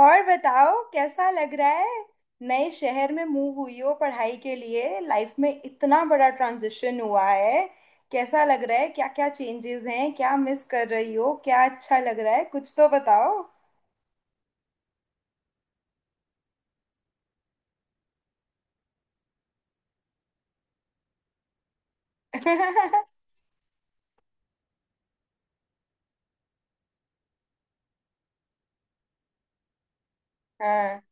और बताओ कैसा लग रहा है। नए शहर में मूव हुई हो पढ़ाई के लिए। लाइफ में इतना बड़ा ट्रांजिशन हुआ है। कैसा लग रहा है? क्या क्या चेंजेस हैं? क्या मिस कर रही हो? क्या अच्छा लग रहा है? कुछ तो बताओ। हाँ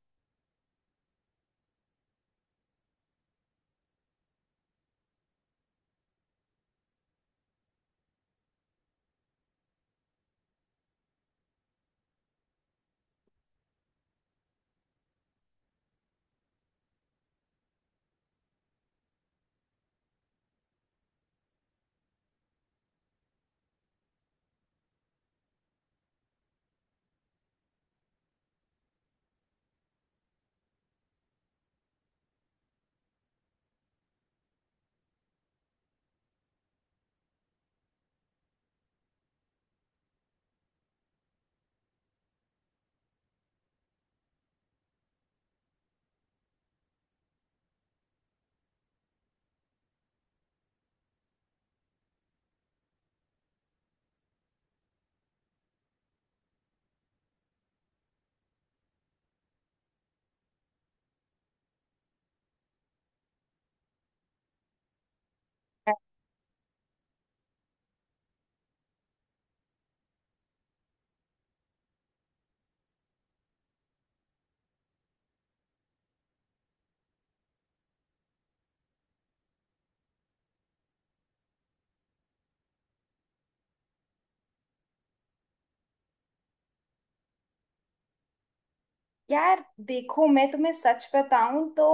यार देखो, मैं तुम्हें सच बताऊं तो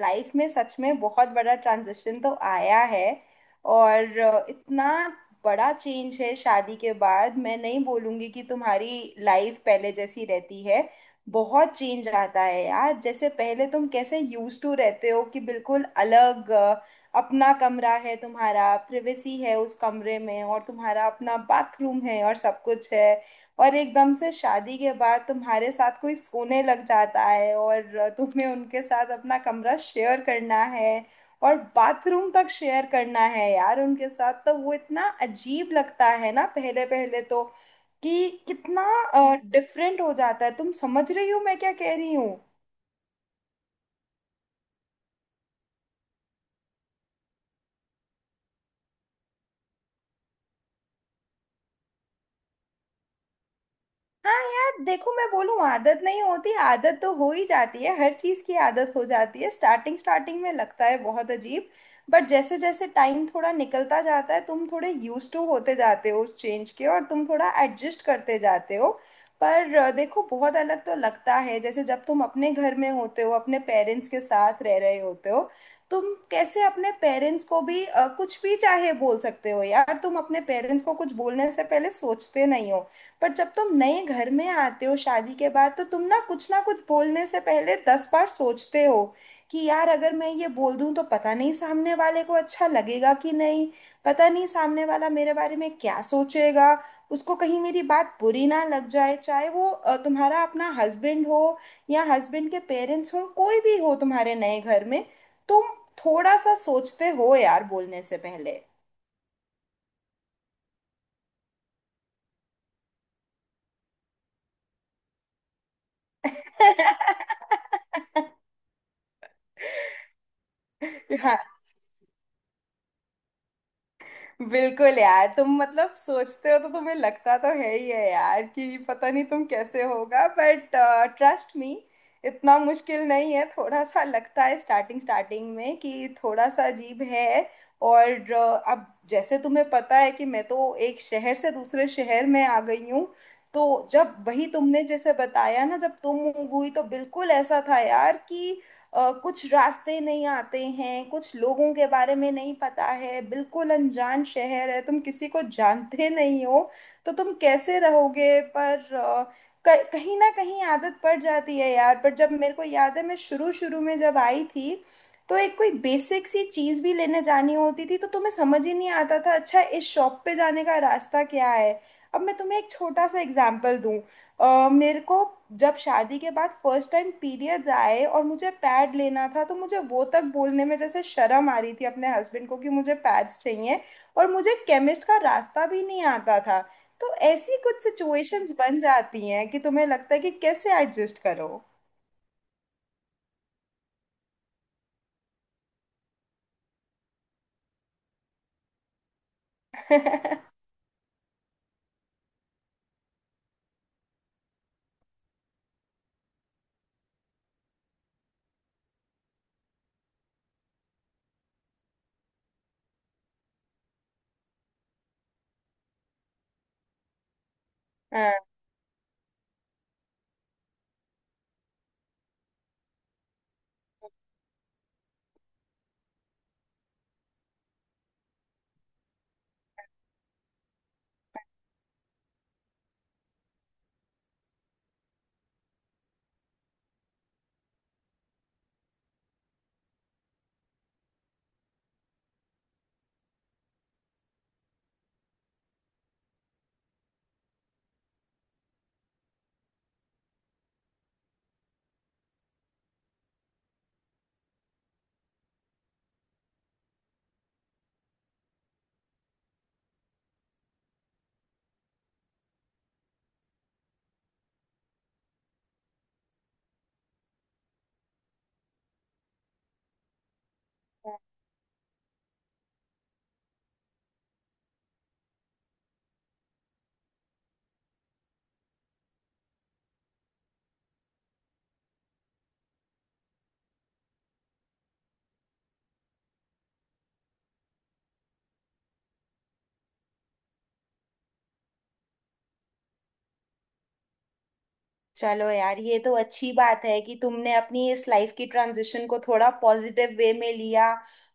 लाइफ में सच में बहुत बड़ा ट्रांजिशन तो आया है। और इतना बड़ा चेंज है शादी के बाद। मैं नहीं बोलूंगी कि तुम्हारी लाइफ पहले जैसी रहती है। बहुत चेंज आता है यार। जैसे पहले तुम कैसे यूज टू रहते हो कि बिल्कुल अलग, अपना कमरा है, तुम्हारा प्रिवेसी है उस कमरे में, और तुम्हारा अपना बाथरूम है और सब कुछ है। और एकदम से शादी के बाद तुम्हारे साथ कोई सोने लग जाता है और तुम्हें उनके साथ अपना कमरा शेयर करना है और बाथरूम तक शेयर करना है यार उनके साथ। तो वो इतना अजीब लगता है ना पहले पहले तो, कि कितना डिफरेंट हो जाता है। तुम समझ रही हो मैं क्या कह रही हूँ? हाँ यार देखो, मैं बोलूँ आदत नहीं होती, आदत तो हो ही जाती है, हर चीज़ की आदत हो जाती है। स्टार्टिंग स्टार्टिंग में लगता है बहुत अजीब, बट जैसे जैसे टाइम थोड़ा निकलता जाता है, तुम थोड़े यूज टू होते जाते हो उस चेंज के, और तुम थोड़ा एडजस्ट करते जाते हो। पर देखो, बहुत अलग तो लगता है। जैसे जब तुम अपने घर में होते हो अपने पेरेंट्स के साथ रह रहे होते हो, तुम कैसे अपने पेरेंट्स को भी कुछ भी चाहे बोल सकते हो यार। तुम अपने पेरेंट्स को कुछ बोलने से पहले सोचते नहीं हो। पर जब तुम नए घर में आते हो शादी के बाद, तो तुम ना कुछ बोलने से पहले 10 बार सोचते हो कि यार अगर मैं ये बोल दूं तो पता नहीं सामने वाले को अच्छा लगेगा कि नहीं। पता नहीं सामने वाला मेरे बारे में क्या सोचेगा। उसको कहीं मेरी बात बुरी ना लग जाए। चाहे वो तुम्हारा अपना हस्बैंड हो, या हस्बैंड के पेरेंट्स हो, कोई भी हो तुम्हारे नए घर में, तुम थोड़ा सा सोचते हो यार बोलने से पहले। हाँ। बिल्कुल यार। तुम मतलब सोचते हो तो तुम्हें लगता तो है ही है यार कि पता नहीं तुम कैसे होगा। बट ट्रस्ट मी, इतना मुश्किल नहीं है। थोड़ा सा लगता है स्टार्टिंग स्टार्टिंग में कि थोड़ा सा अजीब है। और अब जैसे तुम्हें पता है कि मैं तो एक शहर से दूसरे शहर में आ गई हूँ। तो जब वही तुमने जैसे बताया ना, जब तुम मूव हुई, तो बिल्कुल ऐसा था यार कि कुछ रास्ते नहीं आते हैं, कुछ लोगों के बारे में नहीं पता है, बिल्कुल अनजान शहर है, तुम किसी को जानते नहीं हो, तो तुम कैसे रहोगे। पर कहीं ना कहीं आदत पड़ जाती है यार। पर जब, मेरे को याद है, मैं शुरू शुरू में जब आई थी, तो एक कोई बेसिक सी चीज़ भी लेने जानी होती थी, तो तुम्हें समझ ही नहीं आता था अच्छा इस शॉप पे जाने का रास्ता क्या है। अब मैं तुम्हें एक छोटा सा एग्जाम्पल दूं। मेरे को जब शादी के बाद फर्स्ट टाइम पीरियड्स आए और मुझे पैड लेना था, तो मुझे वो तक बोलने में जैसे शर्म आ रही थी अपने हस्बैंड को कि मुझे पैड्स चाहिए। और मुझे केमिस्ट का रास्ता भी नहीं आता था। तो ऐसी कुछ सिचुएशंस बन जाती हैं कि तुम्हें लगता है कि कैसे एडजस्ट करो। चलो यार, ये तो अच्छी बात है कि तुमने अपनी इस लाइफ की ट्रांजिशन को थोड़ा पॉजिटिव वे में लिया,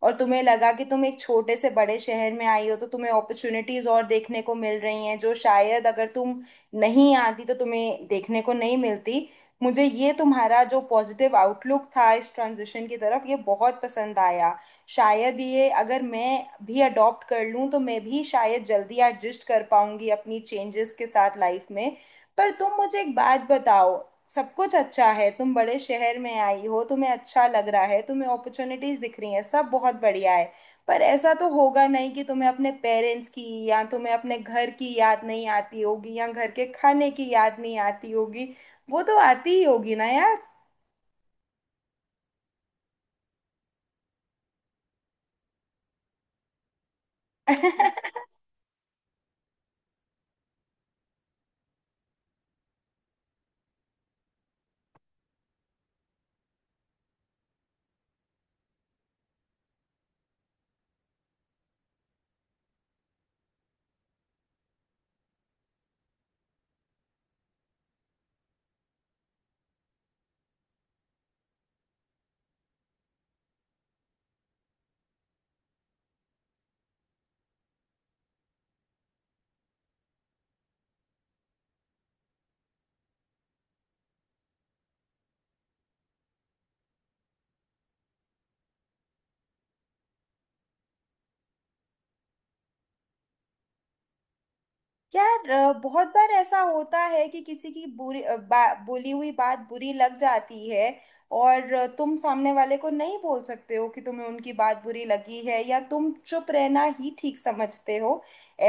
और तुम्हें लगा कि तुम एक छोटे से बड़े शहर में आई हो, तो तुम्हें अपॉर्चुनिटीज और देखने को मिल रही हैं, जो शायद अगर तुम नहीं आती तो तुम्हें देखने को नहीं मिलती। मुझे ये तुम्हारा जो पॉजिटिव आउटलुक था इस ट्रांजिशन की तरफ, ये बहुत पसंद आया। शायद ये अगर मैं भी अडॉप्ट कर लूँ, तो मैं भी शायद जल्दी एडजस्ट कर पाऊंगी अपनी चेंजेस के साथ लाइफ में। पर तुम मुझे एक बात बताओ। सब कुछ अच्छा है, तुम बड़े शहर में आई हो, तुम्हें अच्छा लग रहा है, तुम्हें अपॉर्चुनिटीज दिख रही हैं, सब बहुत बढ़िया है। पर ऐसा तो होगा नहीं कि तुम्हें अपने पेरेंट्स की, या तुम्हें अपने घर की याद नहीं आती होगी, या घर के खाने की याद नहीं आती होगी। वो तो आती ही होगी ना यार। यार बहुत बार ऐसा होता है कि किसी की बुरी बोली हुई बात बुरी लग जाती है। और तुम सामने वाले को नहीं बोल सकते हो कि तुम्हें उनकी बात बुरी लगी है, या तुम चुप रहना ही ठीक समझते हो।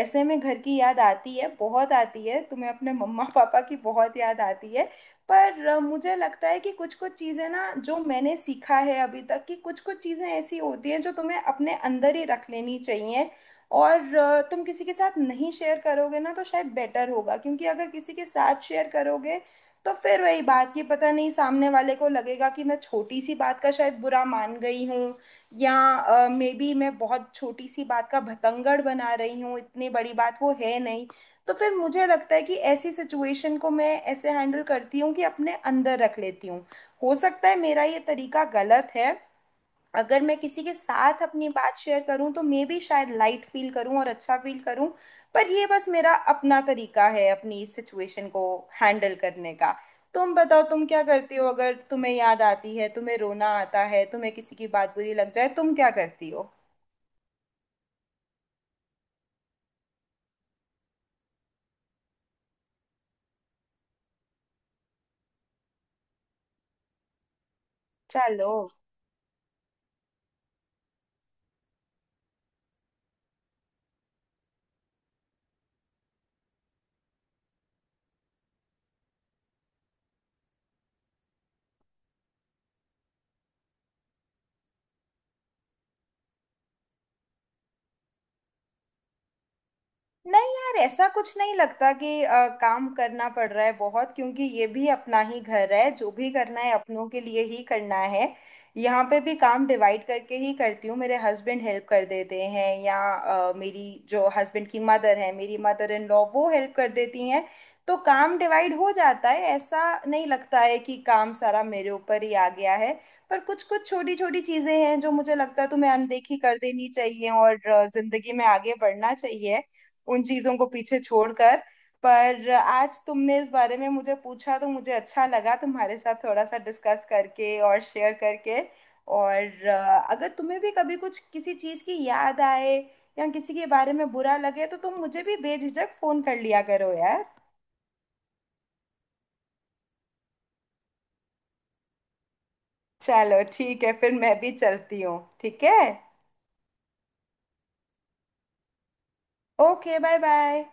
ऐसे में घर की याद आती है, बहुत आती है। तुम्हें अपने मम्मा पापा की बहुत याद आती है। पर मुझे लगता है कि कुछ कुछ चीज़ें ना, जो मैंने सीखा है अभी तक, कि कुछ कुछ चीज़ें ऐसी होती हैं जो तुम्हें अपने अंदर ही रख लेनी चाहिए। और तुम किसी के साथ नहीं शेयर करोगे ना, तो शायद बेटर होगा, क्योंकि अगर किसी के साथ शेयर करोगे, तो फिर वही बात, ये पता नहीं सामने वाले को लगेगा कि मैं छोटी सी बात का शायद बुरा मान गई हूँ, या मे बी मैं बहुत छोटी सी बात का भतंगड़ बना रही हूँ, इतनी बड़ी बात वो है नहीं। तो फिर मुझे लगता है कि ऐसी सिचुएशन को मैं ऐसे हैंडल करती हूँ कि अपने अंदर रख लेती हूँ। हो सकता है मेरा ये तरीका गलत है, अगर मैं किसी के साथ अपनी बात शेयर करूं तो मे बी शायद लाइट फील करूं और अच्छा फील करूं। पर ये बस मेरा अपना तरीका है अपनी इस सिचुएशन को हैंडल करने का। तुम बताओ तुम क्या करती हो, अगर तुम्हें याद आती है, तुम्हें रोना आता है, तुम्हें किसी की बात बुरी लग जाए, तुम क्या करती हो? चलो। नहीं यार, ऐसा कुछ नहीं लगता कि काम करना पड़ रहा है बहुत, क्योंकि ये भी अपना ही घर है, जो भी करना है अपनों के लिए ही करना है। यहाँ पे भी काम डिवाइड करके ही करती हूँ, मेरे हस्बैंड हेल्प कर देते हैं, या मेरी जो हस्बैंड की मदर है, मेरी मदर इन लॉ, वो हेल्प कर देती हैं। तो काम डिवाइड हो जाता है। ऐसा नहीं लगता है कि काम सारा मेरे ऊपर ही आ गया है। पर कुछ कुछ छोटी छोटी चीजें हैं जो मुझे लगता है तुम्हें अनदेखी कर देनी चाहिए, और जिंदगी में आगे बढ़ना चाहिए उन चीजों को पीछे छोड़कर। पर आज तुमने इस बारे में मुझे पूछा तो मुझे अच्छा लगा तुम्हारे साथ थोड़ा सा डिस्कस करके और शेयर करके। और अगर तुम्हें भी कभी कुछ किसी चीज़ की याद आए, या किसी के बारे में बुरा लगे, तो तुम मुझे भी बेझिझक फोन कर लिया करो यार। चलो ठीक है फिर, मैं भी चलती हूँ, ठीक है। Okay, bye bye.